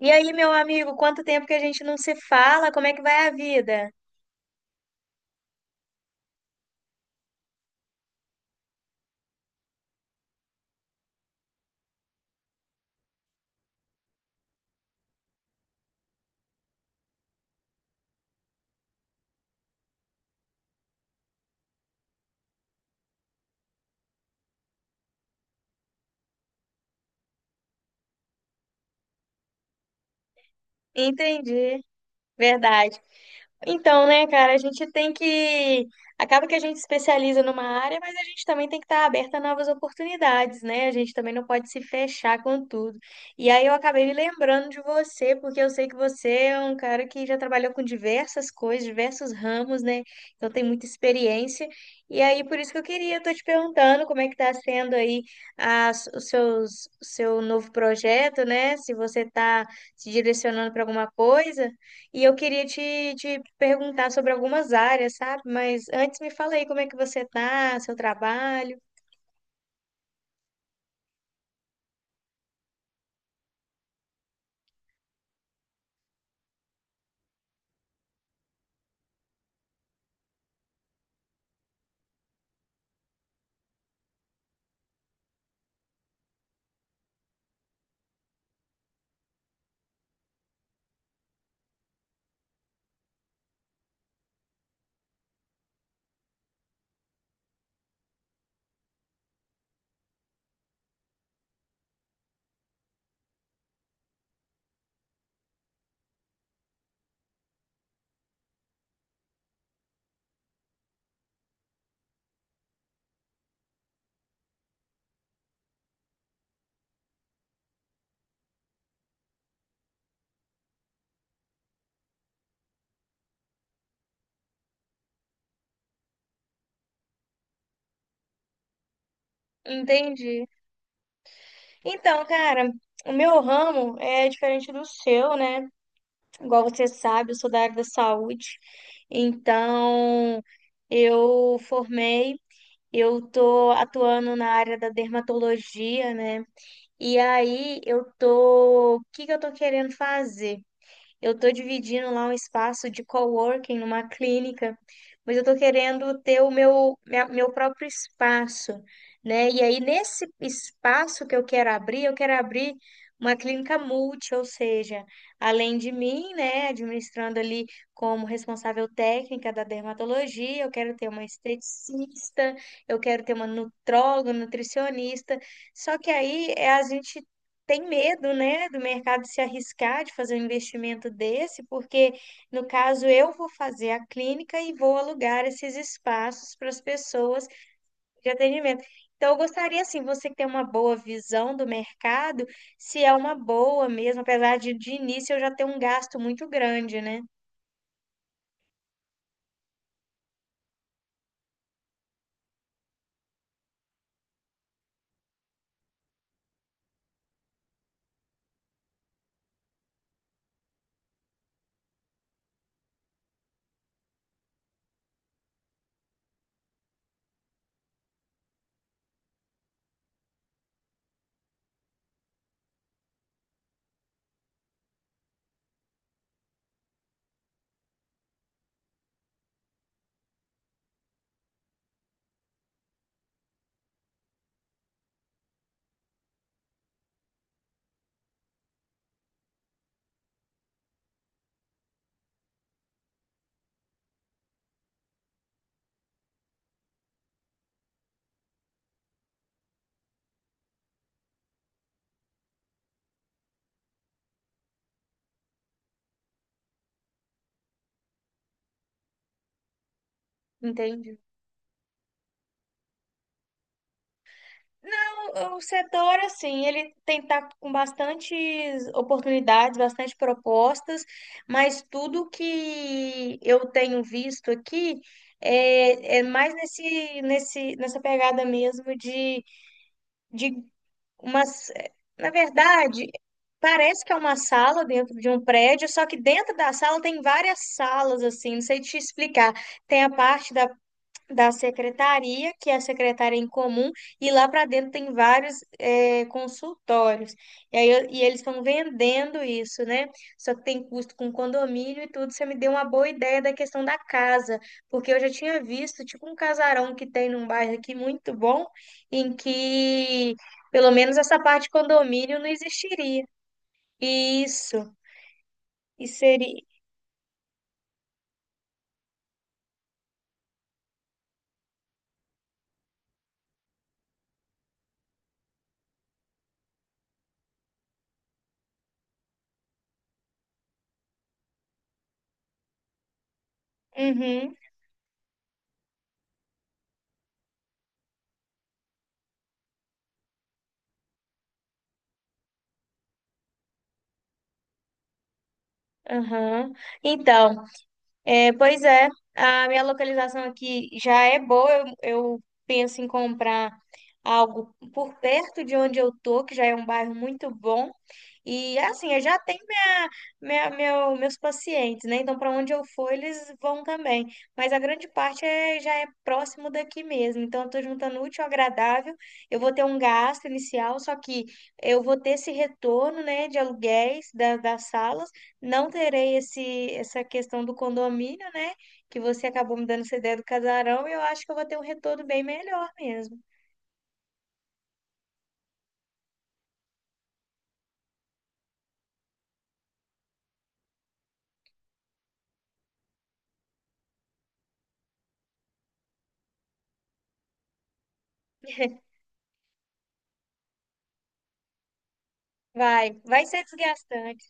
E aí, meu amigo, quanto tempo que a gente não se fala? Como é que vai a vida? Entendi, verdade. Então, né, cara, a gente tem que. Acaba que a gente especializa numa área, mas a gente também tem que estar aberta a novas oportunidades, né? A gente também não pode se fechar com tudo. E aí eu acabei me lembrando de você, porque eu sei que você é um cara que já trabalhou com diversas coisas, diversos ramos, né? Então tem muita experiência. E aí, por isso que eu queria, eu tô te perguntando como é que tá sendo aí as, os seus, o seu novo projeto, né? Se você tá se direcionando para alguma coisa. E eu queria te, te perguntar sobre algumas áreas, sabe? Mas antes me fala aí como é que você tá, seu trabalho. Entendi. Então, cara, o meu ramo é diferente do seu, né? Igual você sabe, eu sou da área da saúde. Então, eu formei, eu tô atuando na área da dermatologia, né? E aí eu tô, o que que eu tô querendo fazer? Eu estou dividindo lá um espaço de coworking numa clínica, mas eu estou querendo ter o meu, minha- meu próprio espaço, né? E aí, nesse espaço que eu quero abrir uma clínica multi, ou seja, além de mim, né, administrando ali como responsável técnica da dermatologia, eu quero ter uma esteticista, eu quero ter uma nutróloga, nutricionista. Só que aí é a gente tem medo, né, do mercado se arriscar de fazer um investimento desse, porque no caso eu vou fazer a clínica e vou alugar esses espaços para as pessoas de atendimento. Então, eu gostaria, assim, você que tem uma boa visão do mercado, se é uma boa mesmo, apesar de início eu já ter um gasto muito grande, né? Entendi. Não, o setor, assim, ele tem tá com bastantes oportunidades, bastante propostas, mas tudo que eu tenho visto aqui é, é mais nesse, nesse, nessa pegada mesmo de umas. Na verdade, parece que é uma sala dentro de um prédio, só que dentro da sala tem várias salas, assim, não sei te explicar. Tem a parte da da secretaria, que é a secretária em comum, e lá para dentro tem vários consultórios. E aí, eu- e eles estão vendendo isso, né? Só que tem custo com condomínio e tudo. Você me deu uma boa ideia da questão da casa, porque eu já tinha visto, tipo, um casarão que tem num bairro aqui muito bom, em que pelo menos essa parte de condomínio não existiria. Isso. E seria. Uhum, aham. Então. É, pois é, a minha localização aqui já é boa. Eu penso em comprar algo por perto de onde eu tô, que já é um bairro muito bom. E assim, eu já tenho minha, minha, meu, meus pacientes, né? Então, para onde eu for, eles vão também. Mas a grande parte é, já é próximo daqui mesmo. Então, eu estou juntando útil ao agradável. Eu vou ter um gasto inicial, só que eu vou ter esse retorno, né, de aluguéis da, das salas. Não terei esse, essa questão do condomínio, né? Que você acabou me dando essa ideia do casarão. E eu acho que eu vou ter um retorno bem melhor mesmo. Vai, vai ser desgastante.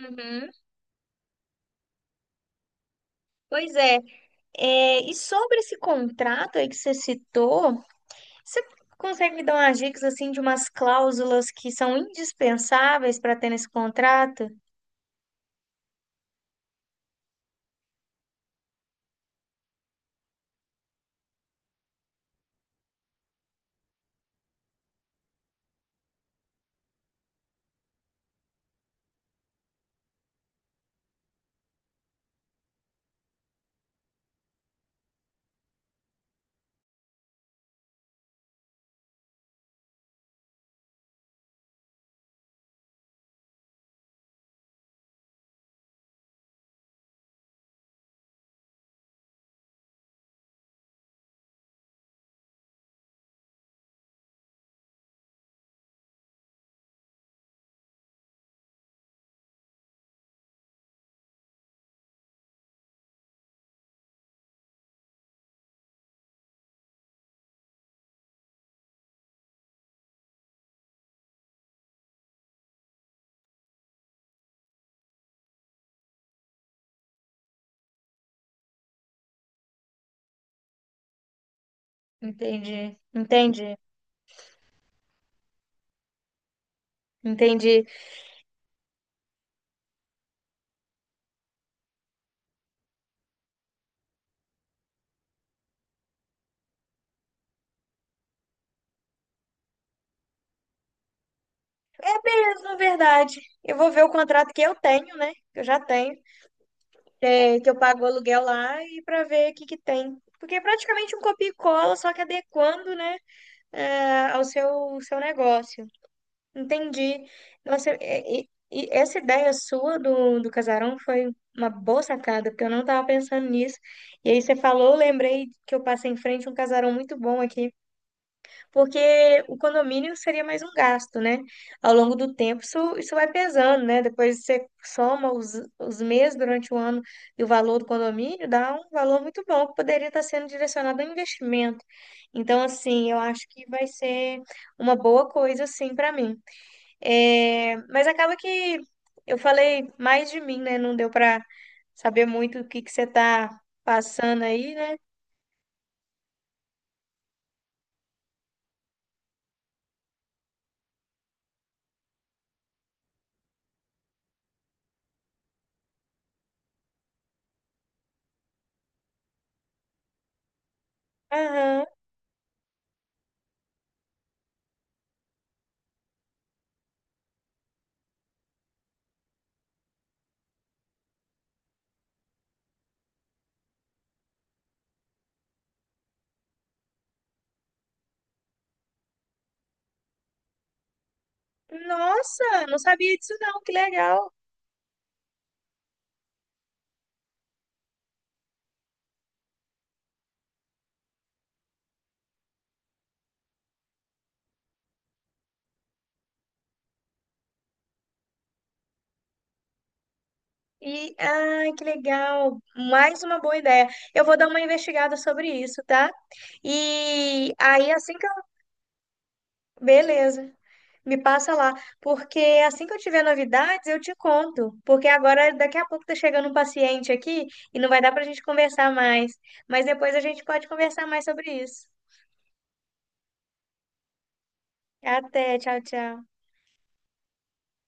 Uhum. Pois é. É, e sobre esse contrato aí que você citou, você consegue me dar umas dicas assim de umas cláusulas que são indispensáveis para ter nesse contrato? Entendi, entendi, entendi. Mas, na verdade, eu vou ver o contrato que eu tenho, né? Que eu já tenho, é, que eu pago o aluguel lá e para ver o que que tem. Porque é praticamente um copia e cola, só que adequando, né, é, ao seu, seu negócio. Entendi. Nossa, e essa ideia sua do, do casarão foi uma boa sacada, porque eu não estava pensando nisso. E aí você falou, eu lembrei que eu passei em frente a um casarão muito bom aqui, porque o condomínio seria mais um gasto, né? Ao longo do tempo isso, isso vai pesando, né? Depois você soma os meses durante o ano e o valor do condomínio, dá um valor muito bom que poderia estar sendo direcionado ao investimento. Então, assim, eu acho que vai ser uma boa coisa, assim, para mim. É, mas acaba que eu falei mais de mim, né? Não deu pra saber muito o que que você tá passando aí, né? Aham. Nossa, não sabia disso não, que legal. E, ai, que legal. Mais uma boa ideia. Eu vou dar uma investigada sobre isso, tá? E aí, assim que eu... Beleza. Me passa lá, porque assim que eu tiver novidades, eu te conto. Porque agora, daqui a pouco, tá chegando um paciente aqui e não vai dar pra gente conversar mais. Mas depois a gente pode conversar mais sobre isso. Até, tchau, tchau.